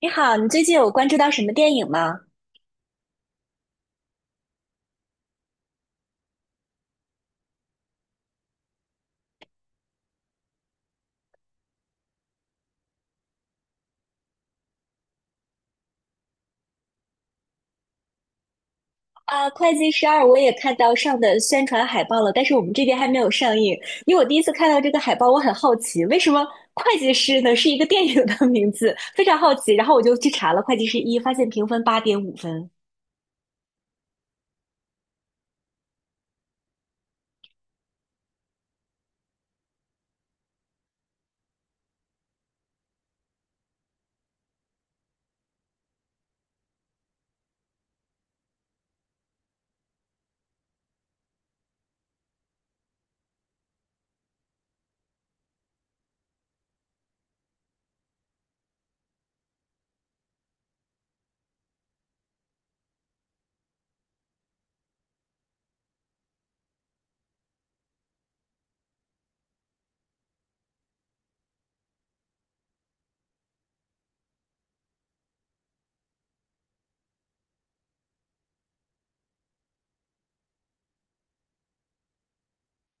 你好，你最近有关注到什么电影吗？啊，《会计十二》我也看到上的宣传海报了，但是我们这边还没有上映。因为我第一次看到这个海报，我很好奇，为什么《会计师》呢是一个电影的名字，非常好奇。然后我就去查了《会计师一》，发现评分8.5分。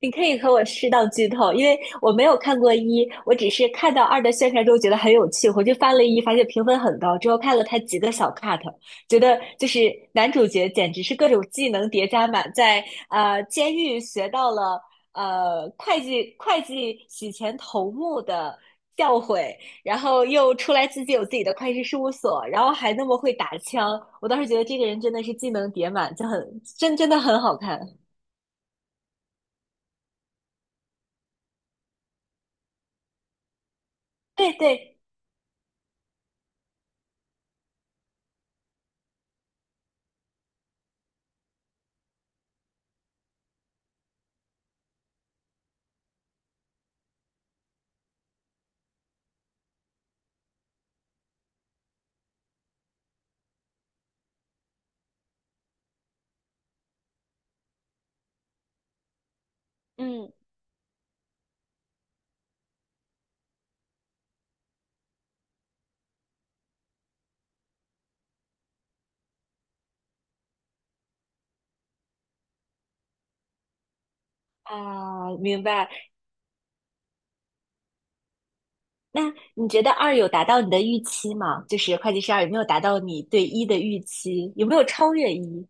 你可以和我适当剧透，因为我没有看过一，我只是看到二的宣传之后觉得很有趣，回去翻了一，发现评分很高，之后看了他几个小 cut，觉得就是男主角简直是各种技能叠加满，在监狱学到了会计洗钱头目的教诲，然后又出来自己有自己的会计事务所，然后还那么会打枪，我当时觉得这个人真的是技能叠满，就很真的很好看，对对，嗯。啊，明白。那你觉得二有达到你的预期吗？就是会计师二有没有达到你对一的预期？有没有超越一？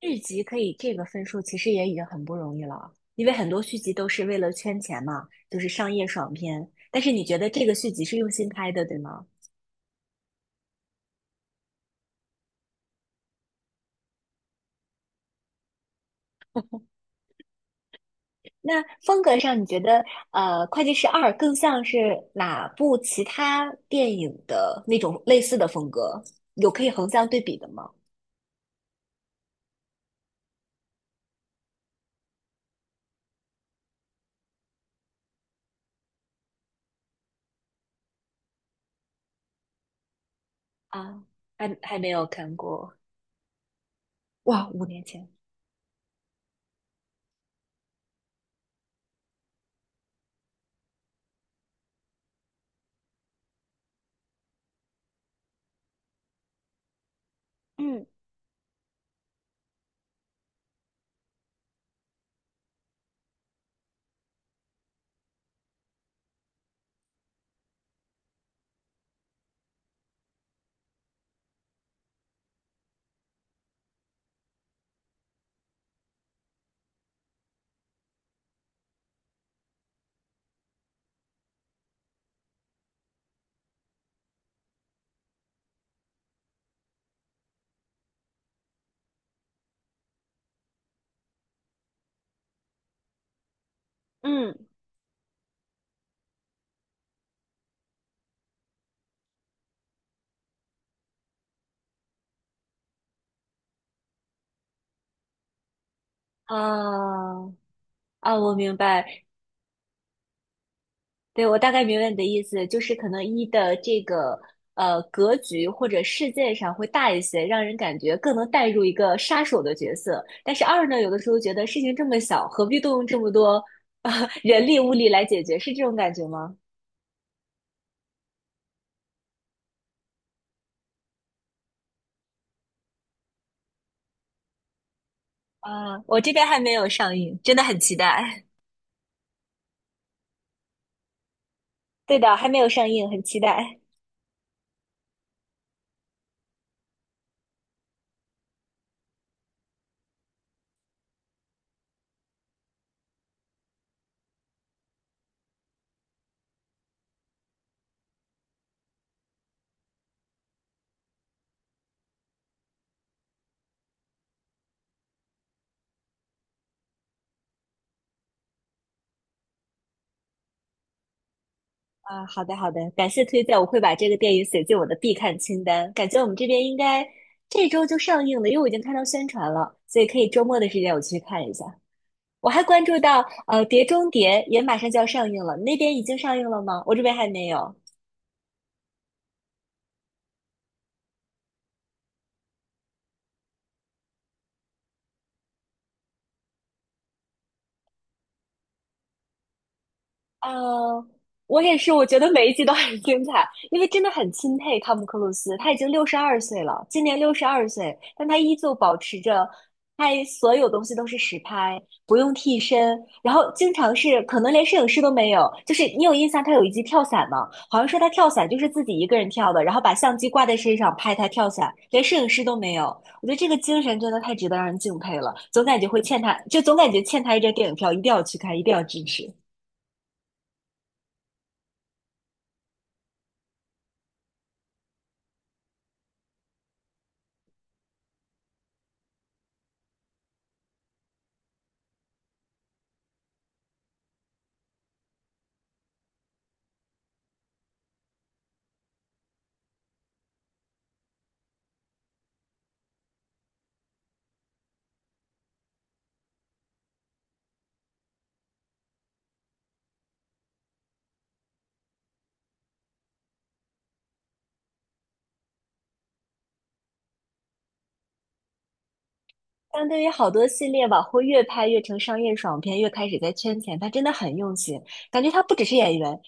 续集可以这个分数，其实也已经很不容易了，因为很多续集都是为了圈钱嘛，就是商业爽片。但是你觉得这个续集是用心拍的，对吗？那风格上，你觉得《会计师二》更像是哪部其他电影的那种类似的风格？有可以横向对比的吗？啊，还没有看过。哇，5年前，嗯嗯啊啊，我明白，对，我大概明白你的意思，就是可能一的这个格局或者事件上会大一些，让人感觉更能带入一个杀手的角色。但是二呢，有的时候觉得事情这么小，何必动用这么多啊 人力物力来解决，是这种感觉吗？啊，我这边还没有上映，真的很期待。对的，还没有上映，很期待。啊，好的好的，感谢推荐，我会把这个电影写进我的必看清单。感觉我们这边应该这周就上映了，因为我已经看到宣传了，所以可以周末的时间我去看一下。我还关注到，《碟中谍》也马上就要上映了，那边已经上映了吗？我这边还没有。呃，我也是，我觉得每一集都很精彩，因为真的很钦佩汤姆·克鲁斯，他已经六十二岁了，今年六十二岁，但他依旧保持着拍所有东西都是实拍，不用替身，然后经常是可能连摄影师都没有，就是你有印象他有一集跳伞吗？好像说他跳伞就是自己一个人跳的，然后把相机挂在身上拍他跳伞，连摄影师都没有，我觉得这个精神真的太值得让人敬佩了，总感觉会欠他，就总感觉欠他一张电影票，一定要去看，一定要支持。相对于好多系列往后越拍越成商业爽片，越开始在圈钱，他真的很用心。感觉他不只是演员，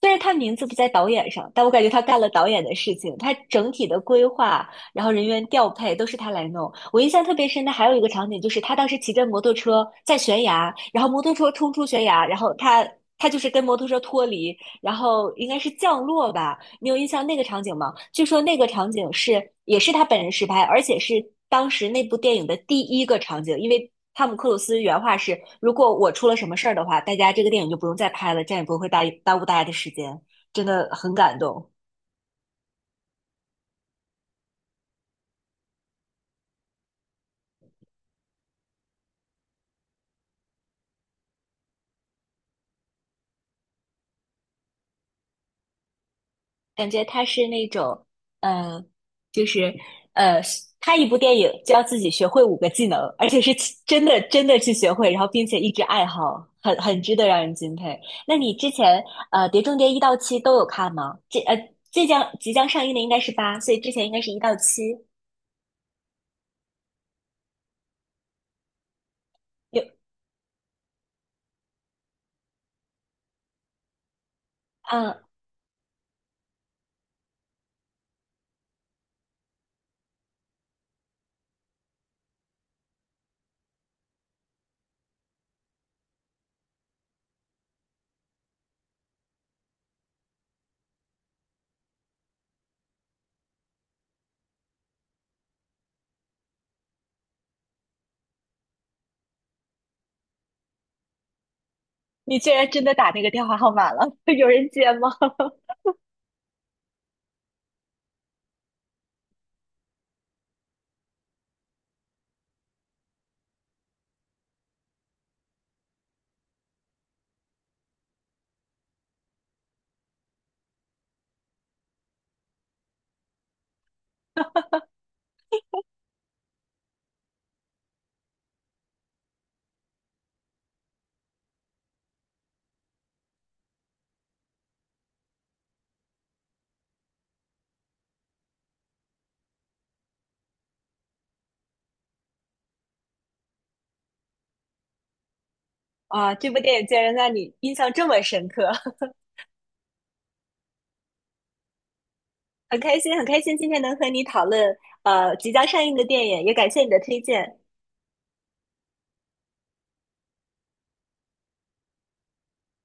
虽然他名字不在导演上，但我感觉他干了导演的事情。他整体的规划，然后人员调配都是他来弄。我印象特别深的还有一个场景，就是他当时骑着摩托车在悬崖，然后摩托车冲出悬崖，然后他就是跟摩托车脱离，然后应该是降落吧？你有印象那个场景吗？据说那个场景是也是他本人实拍，而且是当时那部电影的第一个场景，因为汤姆克鲁斯原话是：如果我出了什么事儿的话，大家这个电影就不用再拍了，这样也不会耽误大家的时间。真的很感动。感觉他是那种，呃，就是呃，拍一部电影就要自己学会五个技能，而且是去真的真的去学会，然后并且一直爱好，很值得让人敬佩。那你之前《碟中谍》一到七都有看吗？这即将上映的应该是八，所以之前应该是一到七。有，嗯，你居然真的打那个电话号码了，有人接吗？啊，这部电影竟然让你印象这么深刻。很开心，很开心今天能和你讨论即将上映的电影，也感谢你的推荐。